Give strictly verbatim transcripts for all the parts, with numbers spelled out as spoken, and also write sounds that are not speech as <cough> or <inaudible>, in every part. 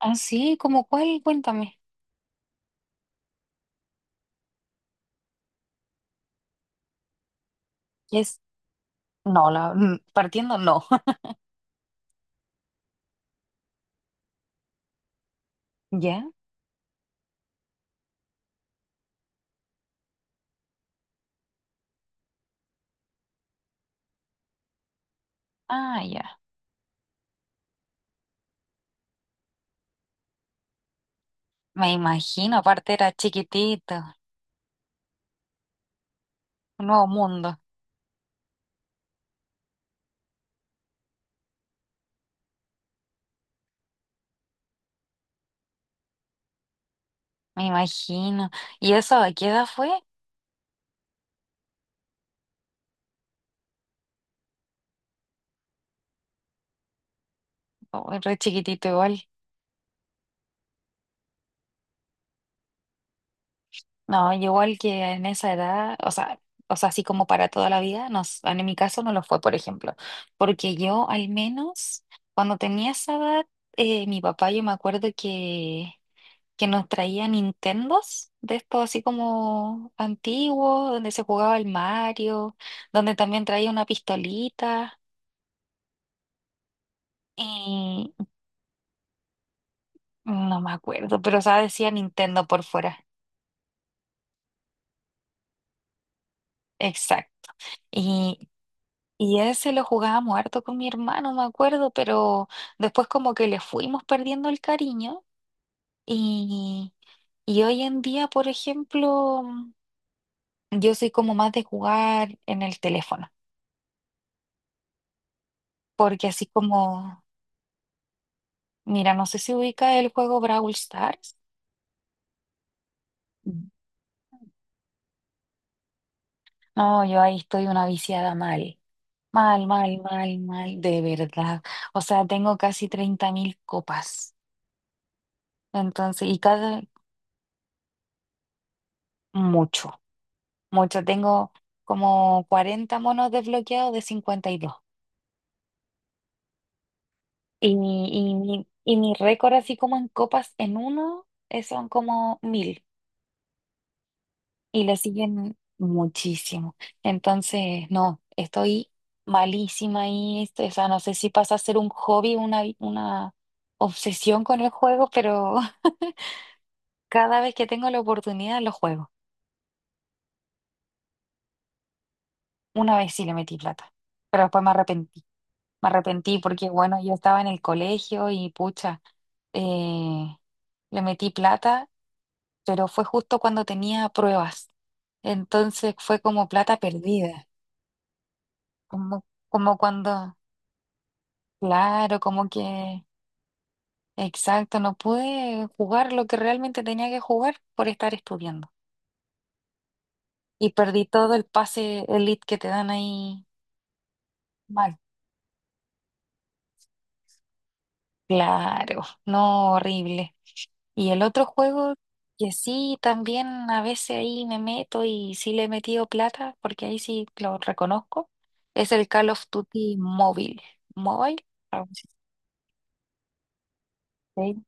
Ah, sí, ¿cómo cuál? Cuéntame. Es, no, la, mm, partiendo no. <laughs> ¿Ya? Ah, ya. Me imagino, aparte era chiquitito, un nuevo mundo, me imagino. ¿Y eso a qué edad fue? Oh, re chiquitito igual. No, yo igual que en esa edad, o sea, o sea, así como para toda la vida, no, s- en mi caso no lo fue, por ejemplo. Porque yo al menos, cuando tenía esa edad, eh, mi papá, yo me acuerdo que que nos traía Nintendos, de estos así como antiguos, donde se jugaba el Mario, donde también traía una pistolita y no me acuerdo, pero o sea, decía Nintendo por fuera. Exacto. Y, y ese lo jugábamos harto con mi hermano, me acuerdo, pero después como que le fuimos perdiendo el cariño y, y hoy en día, por ejemplo, yo soy como más de jugar en el teléfono, porque así como... Mira, no sé si ubica el juego Brawl Stars. Mm. No, yo ahí estoy una viciada mal. Mal, mal, mal, mal, de verdad. O sea, tengo casi treinta mil copas. Entonces, y cada, mucho, mucho. Tengo como cuarenta monos desbloqueados de cincuenta y dos. Y mi, y mi, y mi récord así como en copas en uno eh, son como mil, y le siguen muchísimo. Entonces, no, estoy malísima ahí, este, o sea, no sé si pasa a ser un hobby, una, una obsesión con el juego, pero <laughs> cada vez que tengo la oportunidad lo juego. Una vez sí le metí plata, pero después me arrepentí. Me arrepentí porque, bueno, yo estaba en el colegio y pucha, eh, le metí plata, pero fue justo cuando tenía pruebas. Entonces fue como plata perdida, como, como cuando... Claro, como que, exacto, no pude jugar lo que realmente tenía que jugar por estar estudiando. Y perdí todo el pase elite que te dan ahí mal. Claro, <laughs> no, horrible. Y el otro juego que sí, también a veces ahí me meto y sí le he metido plata, porque ahí sí lo reconozco, es el Call of Duty móvil. ¿Mobile? Algo así. Sí.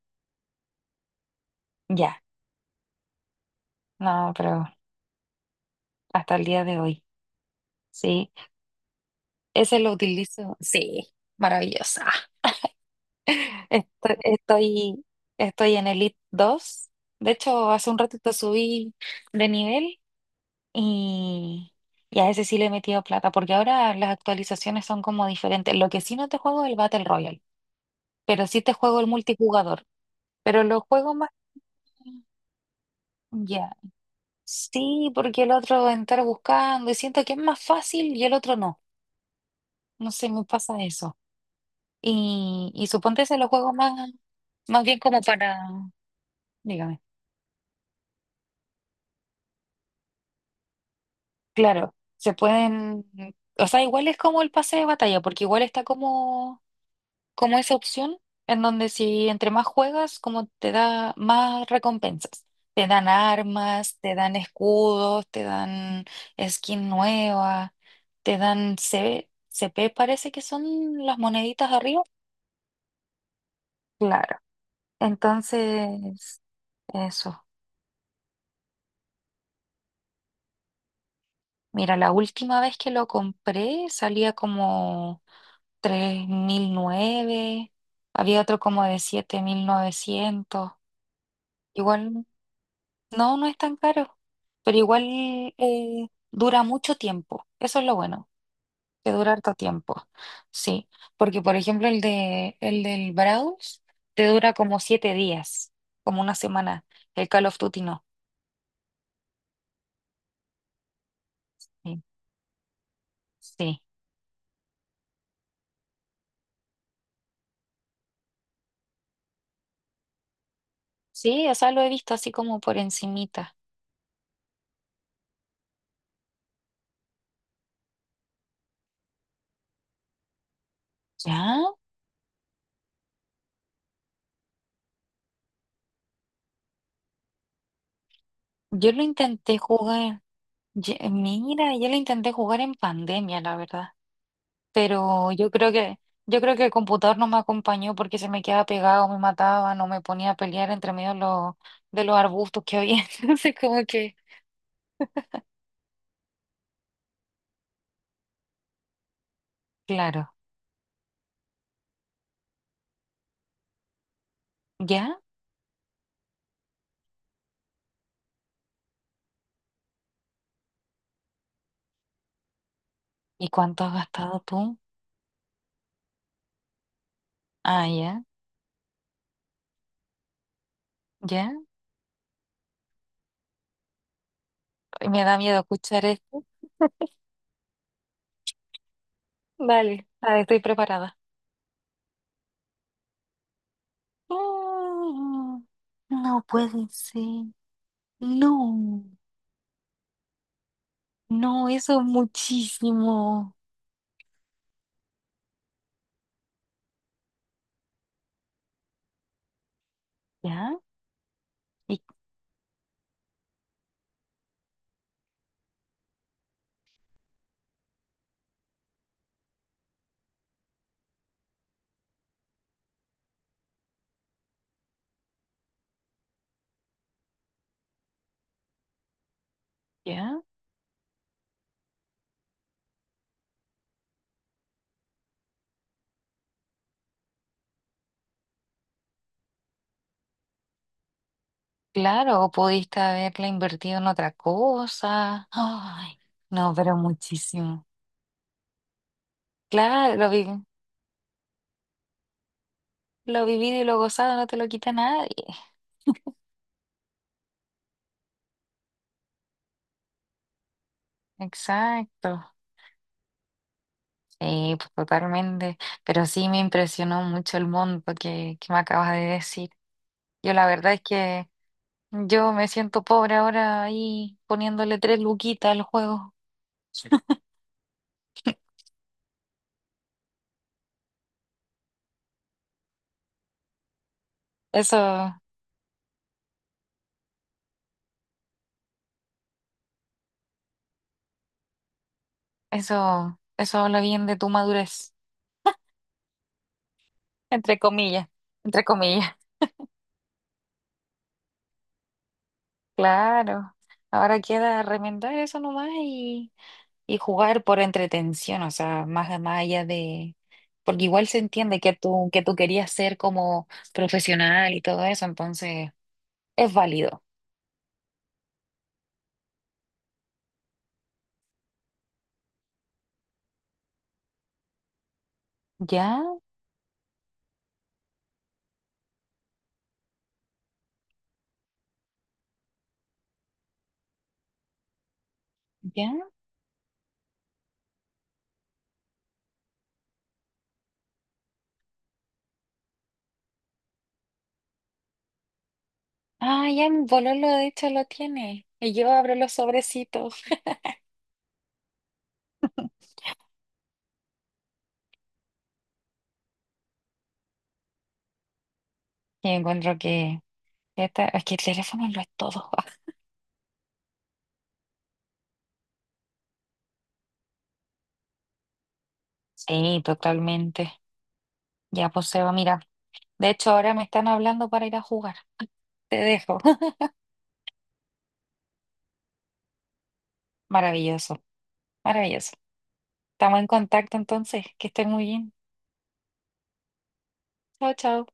Ya, no, pero hasta el día de hoy. Sí. Ese lo utilizo, sí, maravillosa. Estoy, estoy, estoy en Elite dos. De hecho, hace un ratito subí de nivel y, y a ese sí le he metido plata, porque ahora las actualizaciones son como diferentes. Lo que sí no te juego es el Battle Royale, pero sí te juego el multijugador. Pero lo juego más... Ya, sí, porque el otro entrar buscando y siento que es más fácil y el otro no. No sé, me pasa eso. Y, y suponte se los juegos más, más bien como para, dígame, claro, se pueden, o sea, igual es como el pase de batalla, porque igual está como, como esa opción en donde si entre más juegas, como te da más recompensas. Te dan armas, te dan escudos, te dan skin nueva, te dan c c p parece que son las moneditas arriba. Claro. Entonces, eso. Mira, la última vez que lo compré salía como tres mil nueve. Había otro como de siete mil novecientos. Igual, no, no es tan caro, pero igual eh, dura mucho tiempo. Eso es lo bueno, que dura harto tiempo. Sí, porque por ejemplo el de, el del Browse te dura como siete días, como una semana. El Call of Duty no. Sí, sí, sí, o sea, lo he visto así como por encimita. ¿Ya? Yo lo intenté jugar, ye- mira, yo lo intenté jugar en pandemia, la verdad, pero yo creo que, yo creo que el computador no me acompañó porque se me quedaba pegado, me mataba, no me ponía a pelear entre medio de los, de los, arbustos que había, <laughs> entonces como que, claro, ¿ya? ¿Y cuánto has gastado tú? Ah, ya, ya, me da miedo escuchar esto. <laughs> Dale, dale, estoy preparada. Mm, No puede ser, no. No, eso es muchísimo. ¿Ya? ¿Y ya? Claro, pudiste haberla invertido en otra cosa. Ay, no, pero muchísimo. Claro, lo vi, lo vivido y lo gozado no te lo quita nadie. Exacto. Sí, pues totalmente. Pero sí me impresionó mucho el monto que, que me acabas de decir. Yo la verdad es que yo me siento pobre ahora ahí poniéndole tres luquitas al juego. <laughs> Eso. Eso, eso habla bien de tu madurez, entre comillas, entre comillas. Claro. Ahora queda remendar eso nomás y, y jugar por entretención, o sea, más, más allá de... Porque igual se entiende que tú, que tú, querías ser como profesional y todo eso, entonces es válido. ¿Ya? ¿Ya? Ah, ya mi bololo de hecho lo tiene. Y yo abro los sobrecitos y encuentro que... que esta- Es que el teléfono lo es todo. <laughs> Sí, totalmente. Ya, pues Seba, mira. De hecho, ahora me están hablando para ir a jugar. Te dejo. <laughs> Maravilloso, maravilloso. Estamos en contacto entonces. Que estén muy bien. Chao, chao.